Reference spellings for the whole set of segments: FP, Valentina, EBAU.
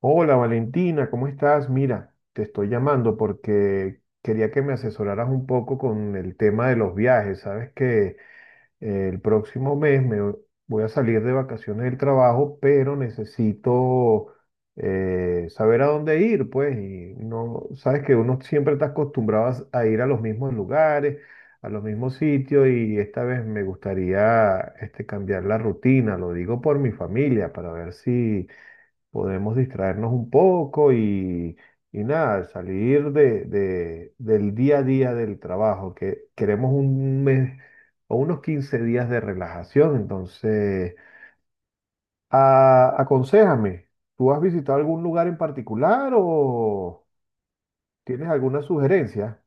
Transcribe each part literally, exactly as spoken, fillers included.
Hola Valentina, ¿cómo estás? Mira, te estoy llamando porque quería que me asesoraras un poco con el tema de los viajes. Sabes que eh, el próximo mes me voy a salir de vacaciones del trabajo, pero necesito eh, saber a dónde ir, pues. Y no, sabes que uno siempre está acostumbrado a a ir a los mismos lugares, a los mismos sitios, y esta vez me gustaría este, cambiar la rutina. Lo digo por mi familia, para ver si podemos distraernos un poco y, y nada, salir de, de- del día a día del trabajo, que queremos un mes o unos quince días de relajación. Entonces, a- aconséjame, ¿tú has visitado algún lugar en particular o tienes alguna sugerencia?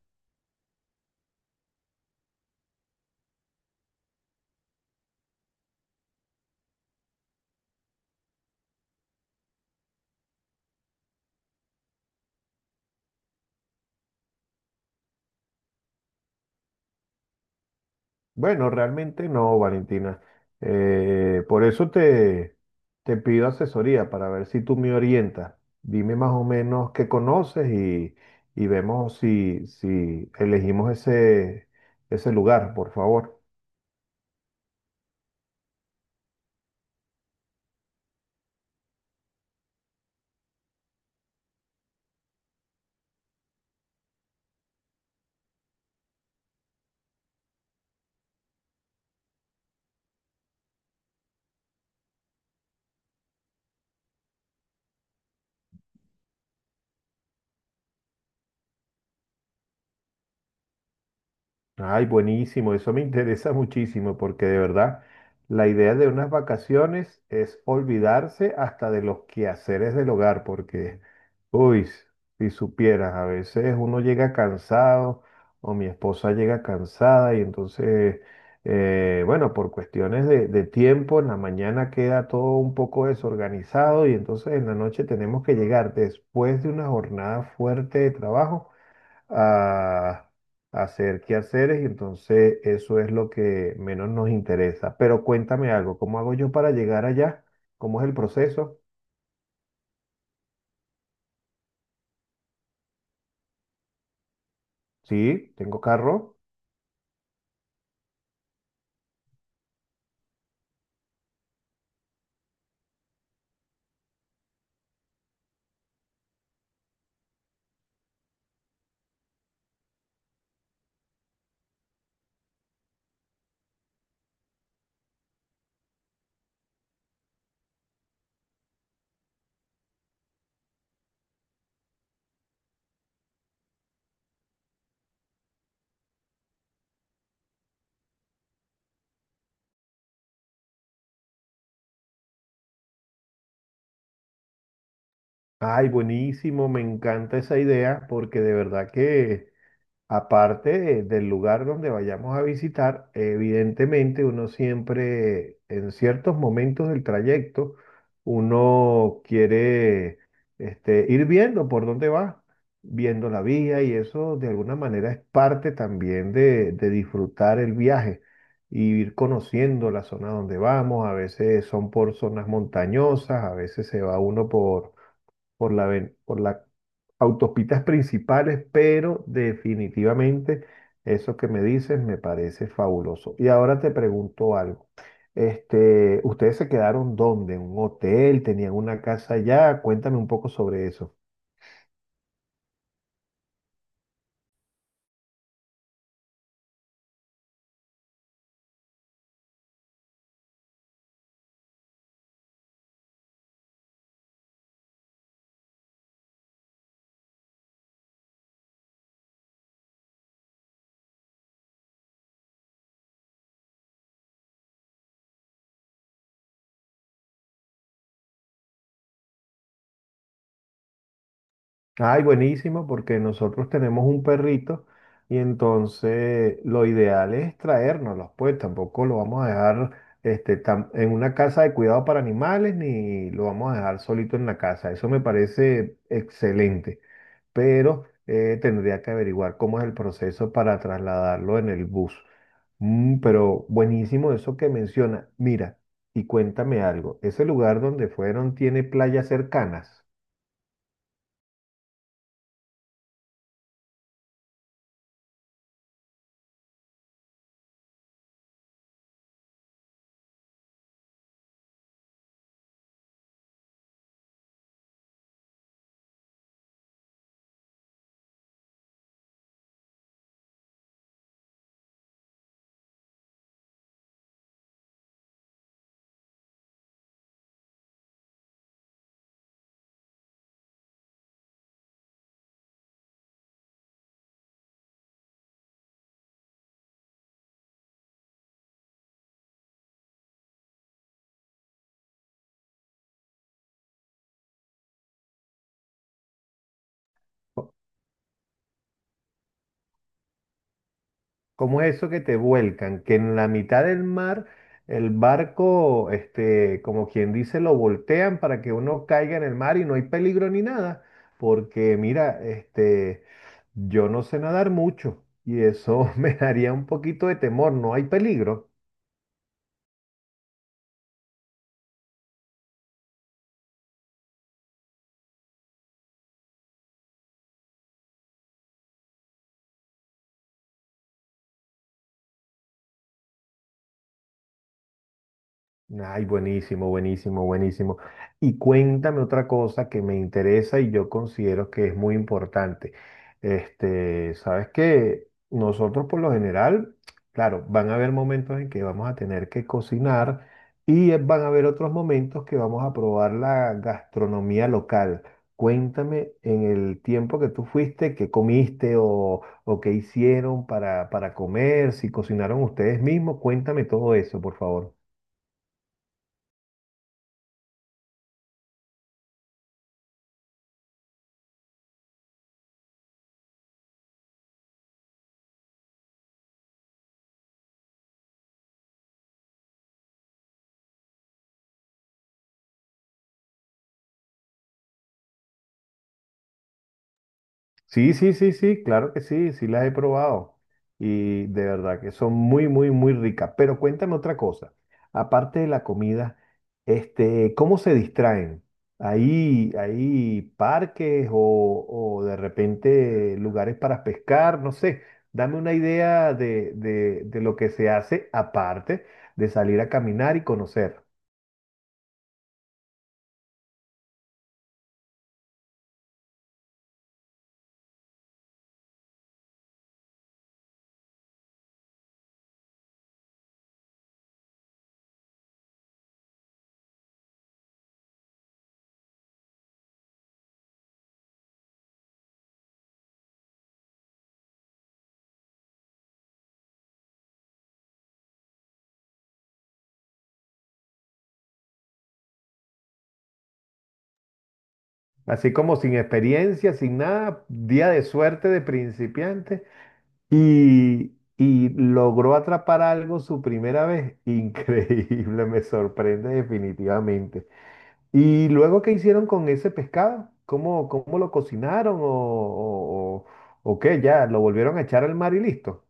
Bueno, realmente no, Valentina. Eh, por eso te, te pido asesoría para ver si tú me orientas. Dime más o menos qué conoces y, y vemos si, si elegimos ese, ese lugar, por favor. Ay, buenísimo, eso me interesa muchísimo porque de verdad la idea de unas vacaciones es olvidarse hasta de los quehaceres del hogar, porque, uy, si supieras, a veces uno llega cansado o mi esposa llega cansada y entonces, eh, bueno, por cuestiones de, de tiempo, en la mañana queda todo un poco desorganizado y entonces en la noche tenemos que llegar después de una jornada fuerte de trabajo a, a hacer quehaceres y entonces eso es lo que menos nos interesa. Pero cuéntame algo, ¿cómo hago yo para llegar allá? ¿Cómo es el proceso? Sí, tengo carro. Ay, buenísimo, me encanta esa idea porque de verdad que aparte de- del lugar donde vayamos a visitar, evidentemente uno siempre, en ciertos momentos del trayecto, uno quiere este, ir viendo por dónde va, viendo la vía y eso de alguna manera es parte también de, de disfrutar el viaje y ir conociendo la zona donde vamos. A veces son por zonas montañosas, a veces se va uno por por la, ven- por las autopistas principales, pero definitivamente eso que me dices me parece fabuloso. Y ahora te pregunto algo. Este, ¿ustedes se quedaron dónde? ¿En un hotel? ¿Tenían una casa allá? Cuéntame un poco sobre eso. Ay, buenísimo, porque nosotros tenemos un perrito y entonces lo ideal es traérnoslos, pues tampoco lo vamos a dejar este, tam- en una casa de cuidado para animales ni lo vamos a dejar solito en la casa. Eso me parece excelente, pero eh, tendría que averiguar cómo es el proceso para trasladarlo en el bus. Mm, pero buenísimo eso que menciona. Mira, y cuéntame algo, ¿ese lugar donde fueron tiene playas cercanas? Como eso que te vuelcan, que en la mitad del mar el barco, este, como quien dice, lo voltean para que uno caiga en el mar y no hay peligro ni nada, porque mira, este, yo no sé nadar mucho y eso me daría un poquito de temor, no hay peligro. Ay, buenísimo, buenísimo, buenísimo. Y cuéntame otra cosa que me interesa y yo considero que es muy importante. Este, sabes que nosotros por lo general, claro, van a haber momentos en que vamos a tener que cocinar y van a haber otros momentos que vamos a probar la gastronomía local. Cuéntame en el tiempo que tú fuiste, qué comiste o, o qué hicieron para, para comer, si cocinaron ustedes mismos, cuéntame todo eso, por favor. Sí, sí, sí, sí, claro que sí, sí las he probado y de verdad que son muy, muy, muy ricas. Pero cuéntame otra cosa, aparte de la comida, este, ¿cómo se distraen? ¿Hay, hay parques o, o de repente lugares para pescar? No sé, dame una idea de, de, de lo que se hace aparte de salir a caminar y conocer. Así como sin experiencia, sin nada, día de suerte de principiante. Y, y logró atrapar algo su primera vez. Increíble, me sorprende definitivamente. ¿Y luego qué hicieron con ese pescado? ¿Cómo, cómo lo cocinaron o, o, o- o qué? ¿Ya lo volvieron a echar al mar y listo?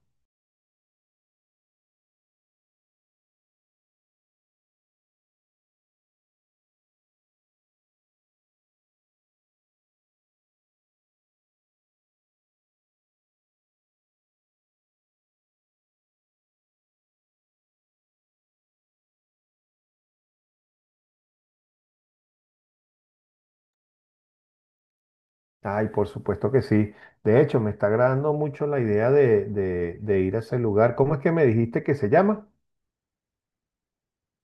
Ay, por supuesto que sí. De hecho, me está agradando mucho la idea de, de, de ir a ese lugar. ¿Cómo es que me dijiste que se llama?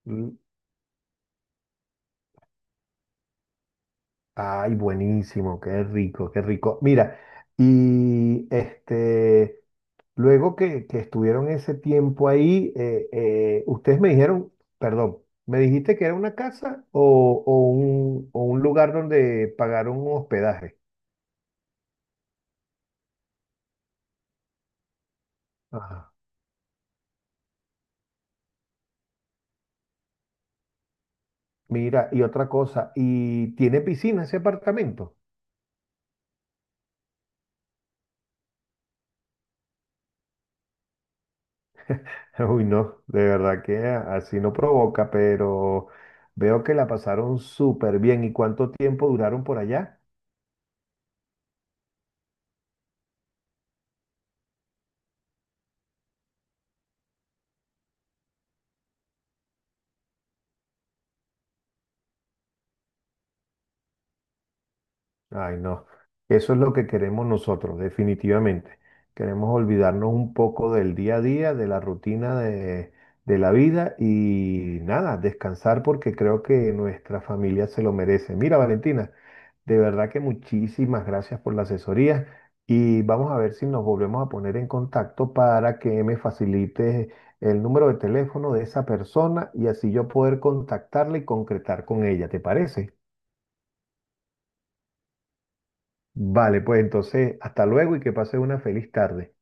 L- Ay, buenísimo, qué rico, qué rico. Mira, y este... Luego que, que estuvieron ese tiempo ahí, eh, eh, ustedes me dijeron, perdón, ¿me dijiste que era una casa o, o un, o un lugar donde pagaron un hospedaje? Ajá. Mira, y otra cosa, ¿y tiene piscina ese apartamento? Uy, no, de verdad que a- así no provoca, pero veo que la pasaron súper bien. ¿Y cuánto tiempo duraron por allá? Ay, no. Eso es lo que queremos nosotros, definitivamente. Queremos olvidarnos un poco del día a día, de la rutina de, de la vida y nada, descansar porque creo que nuestra familia se lo merece. Mira, Valentina, de verdad que muchísimas gracias por la asesoría y vamos a ver si nos volvemos a poner en contacto para que me facilites el número de teléfono de esa persona y así yo poder contactarla y concretar con ella. ¿Te parece? Vale, pues entonces, hasta luego y que pases una feliz tarde.